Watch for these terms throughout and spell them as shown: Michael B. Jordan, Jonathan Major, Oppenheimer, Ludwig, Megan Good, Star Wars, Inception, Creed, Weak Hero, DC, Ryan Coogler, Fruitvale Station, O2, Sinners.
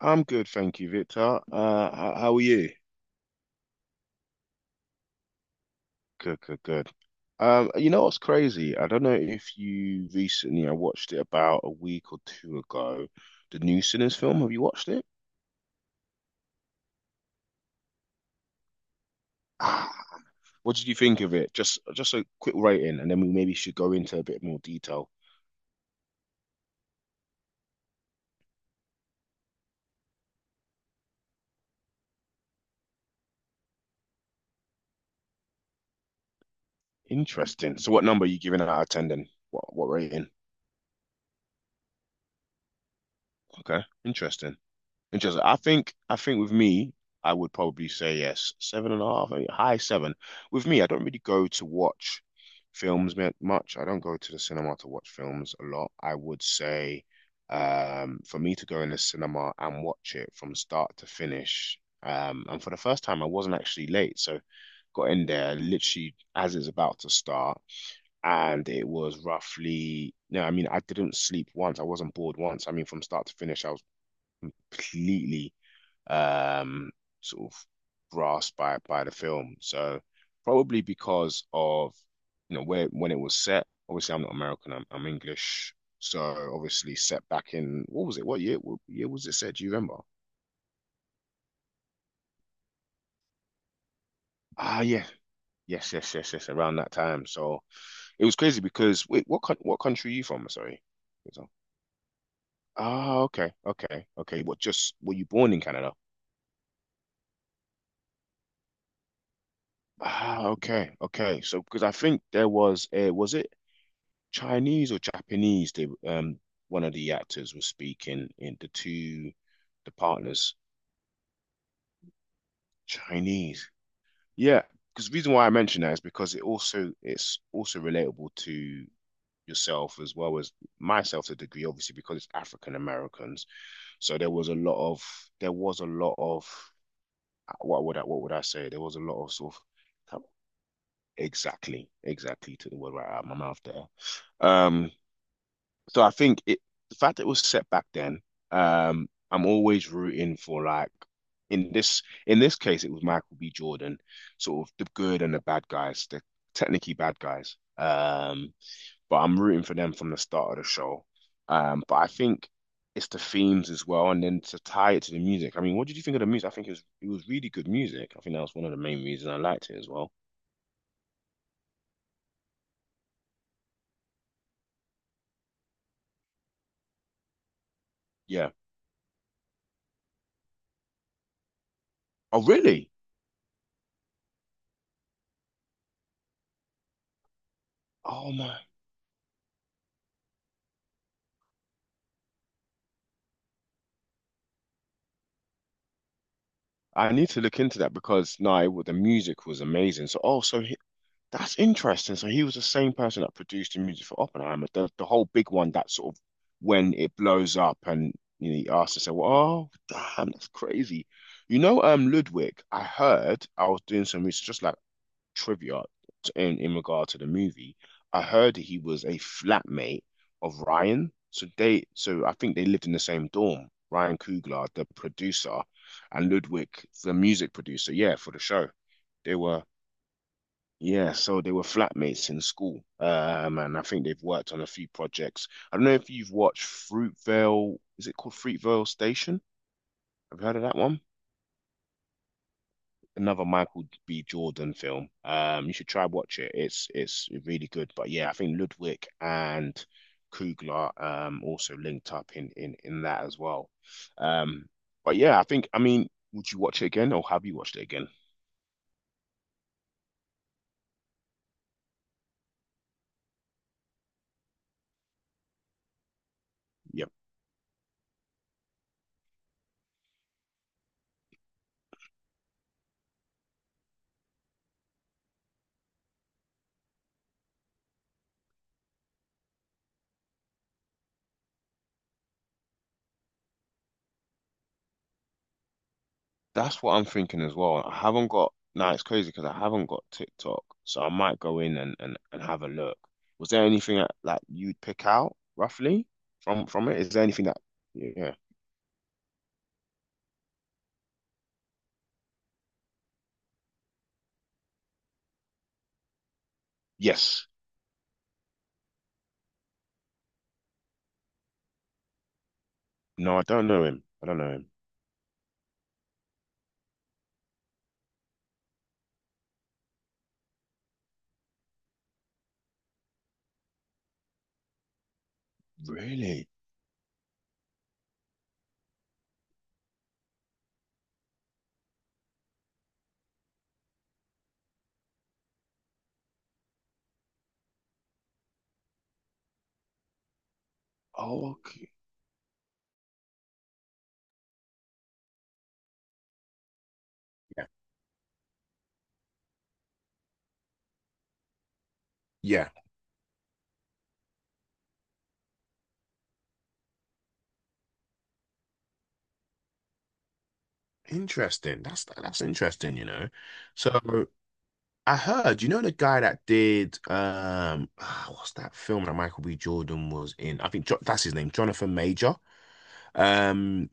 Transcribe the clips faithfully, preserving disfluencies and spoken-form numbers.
I'm good, thank you, Victor. Uh, how, how are you? Good, good, good. Um, you know what's crazy? I don't know if you recently, I watched it about a week or two ago, the new Sinners film. Have you watched it? Ah, what did you think of it? Just, just a quick rating, and then we maybe should go into a bit more detail. Interesting. So, what number are you giving out of ten then? What, what rating? Okay, interesting. Interesting. I think I think with me, I would probably say yes, seven and a half, eh, high seven. With me, I don't really go to watch films mu- much. I don't go to the cinema to watch films a lot. I would say, um, for me to go in the cinema and watch it from start to finish, um, and for the first time, I wasn't actually late, so got in there literally as it's about to start, and it was roughly. No, I mean, I didn't sleep once. I wasn't bored once. I mean, from start to finish, I was completely um, sort of grasped by by the film. So probably because of you know where when it was set. Obviously, I'm not American. I'm, I'm English. So obviously, set back in what was it? What year? What year was it set? Do you remember? Ah, yeah, yes, yes, yes, yes. Around that time. So it was crazy because wait, what coun- what country are you from? Sorry. Ah, okay, okay, okay. What just were you born in Canada? Ah, okay, okay. So because I think there was a was it Chinese or Japanese, they um one of the actors was speaking in the two the partners Chinese. Yeah, because the reason why I mention that is because it also it's also relatable to yourself as well as myself to a degree, obviously because it's African Americans. So there was a lot of there was a lot of uh, what would I what would I say? There was a lot of sort of exactly, exactly. Took the word right out of my mouth there. Um, So I think it the fact that it was set back then, um, I'm always rooting for like in this in this case it was Michael B. Jordan, sort of the good and the bad guys, the technically bad guys. Um, but I'm rooting for them from the start of the show. Um, but I think it's the themes as well, and then to tie it to the music. I mean, what did you think of the music? I think it was it was really good music. I think that was one of the main reasons I liked it as well. Yeah. Oh, really? Oh my I need to look into that because no, it, wa- the music was amazing. So, oh, so he, that's interesting. So he was the same person that produced the music for Oppenheimer, the the whole big one that sort of when it blows up and you know, he asked to say, "Well, oh, damn, that's crazy." You know, um, Ludwig, I heard I was doing some research, just like trivia in in regard to the movie. I heard that he was a flatmate of Ryan, so they so I think they lived in the same dorm. Ryan Coogler, the producer, and Ludwig, the music producer, yeah, for the show. They were yeah, so they were flatmates in school. Um, and I think they've worked on a few projects. I don't know if you've watched Fruitvale, is it called Fruitvale Station? Have you heard of that one? Another Michael B. Jordan film. Um, you should try watch it. It's it's really good. But yeah, I think Ludwig and Kugler um also linked up in in in that as well. Um, but yeah, I think I mean, would you watch it again or have you watched it again? Yep, that's what I'm thinking as well. I haven't got. Now it's crazy because I haven't got TikTok, so I might go in and and and have a look. Was there anything that, like you'd pick out roughly from from it? Is there anything that yeah? Yes, no, I don't know him. I don't know him. Really? Oh, okay. Yeah. Yeah. Interesting. That's that's interesting, you know. So I heard, you know, the guy that did um ah, what's that film that Michael B. Jordan was in? I think jo that's his name, Jonathan Major. Um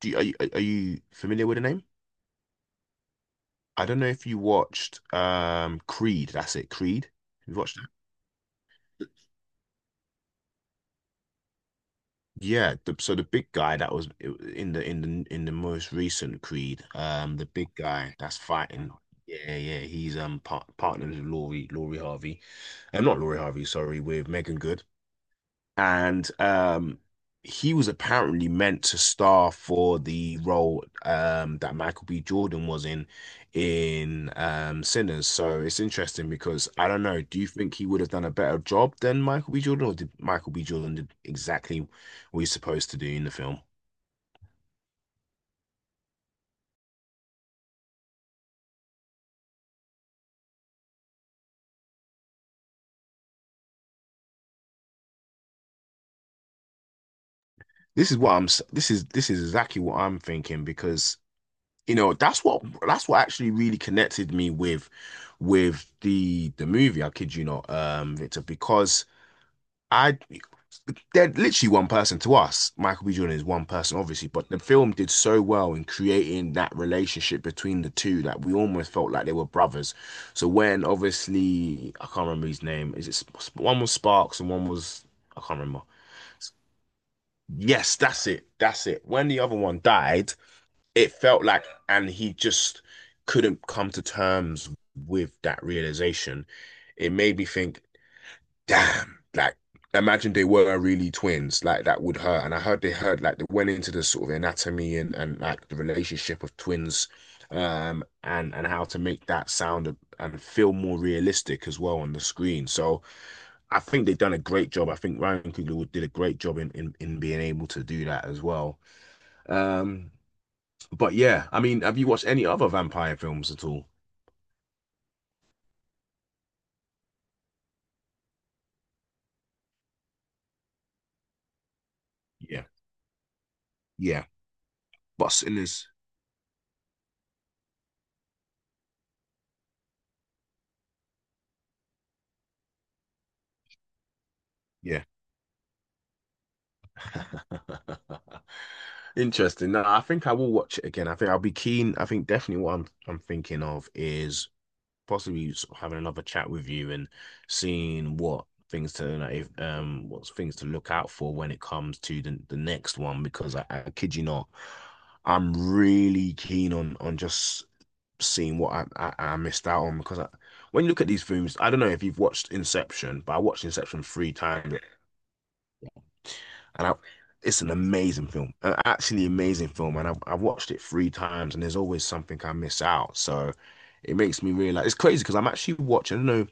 do you, are you are you familiar with the name? I don't know if you watched um Creed, that's it, Creed. Have you watched that? Yeah, the, so the big guy that was i- in the in the in the most recent Creed, um, the big guy that's fighting, yeah, yeah, he's um par partnered with Laurie Laurie Harvey, uh, not Laurie Harvey, sorry, with Megan Good and um he was apparently meant to star for the role um that Michael B. Jordan was in in um Sinners. So it's interesting because I don't know, do you think he would have done a better job than Michael B. Jordan, or did Michael B. Jordan did exactly what he's supposed to do in the film? This is what I'm. This is this is exactly what I'm thinking because you know that's what that's what actually really connected me with with the the movie. I kid you not, um, Victor, because I they're literally one person to us. Michael B. Jordan is one person, obviously, but the film did so well in creating that relationship between the two that we almost felt like they were brothers. So when obviously I can't remember his name, is it Sp- one was Sparks and one was I can't remember. Yes, that's it. That's it. When the other one died, it felt like, and he just couldn't come to terms with that realization. It made me think, damn, like, imagine they were really twins, like, that would hurt. And I heard they heard, like, they went into the sort of anatomy and, and like, the relationship of twins, um, and, and how to make that sound and feel more realistic as well on the screen. So, I think they've done a great job. I think Ryan Coogler did a great job in, in, in being able to do that as well. Um, but yeah, I mean, have you watched any other vampire films at all? Yeah. Yeah, but Sinners, yeah. Interesting. No, I think I will watch it again. I think I'll be keen. I think definitely what I'm I'm thinking of is possibly sort of having another chat with you and seeing what things to like, if, um what's things to look out for when it comes to the, the next one because I, I kid you not, I'm really keen on on just seen what I, I, I missed out on because I, when you look at these films, I don't know if you've watched Inception, but I watched Inception three times and I, it's an amazing film, an actually amazing film. And I've, I've watched it three times and there's always something I miss out. So it makes me realize it's crazy because I'm actually watching, I don't know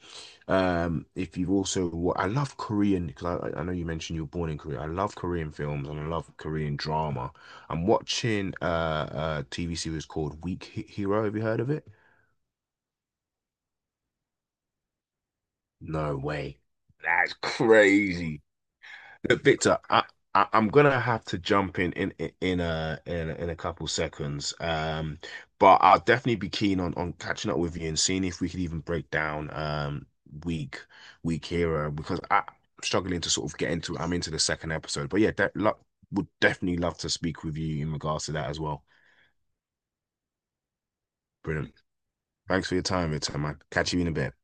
um, if you've also, wa- I love Korean because I, I know you mentioned you were born in Korea. I love Korean films and I love Korean drama. I'm watching uh, a T V series called Weak He- Hero. Have you heard of it? No way. That's crazy. Look, Victor, I, I I'm gonna have to jump in in in in a in a, in a couple seconds. Um, but I'll definitely be keen on on catching up with you and seeing if we could even break down um week week hero because I, I'm struggling to sort of get into I'm into the second episode. But yeah, that lo would definitely love to speak with you in regards to that as well. Brilliant. Thanks for your time, Victor, man. Catch you in a bit.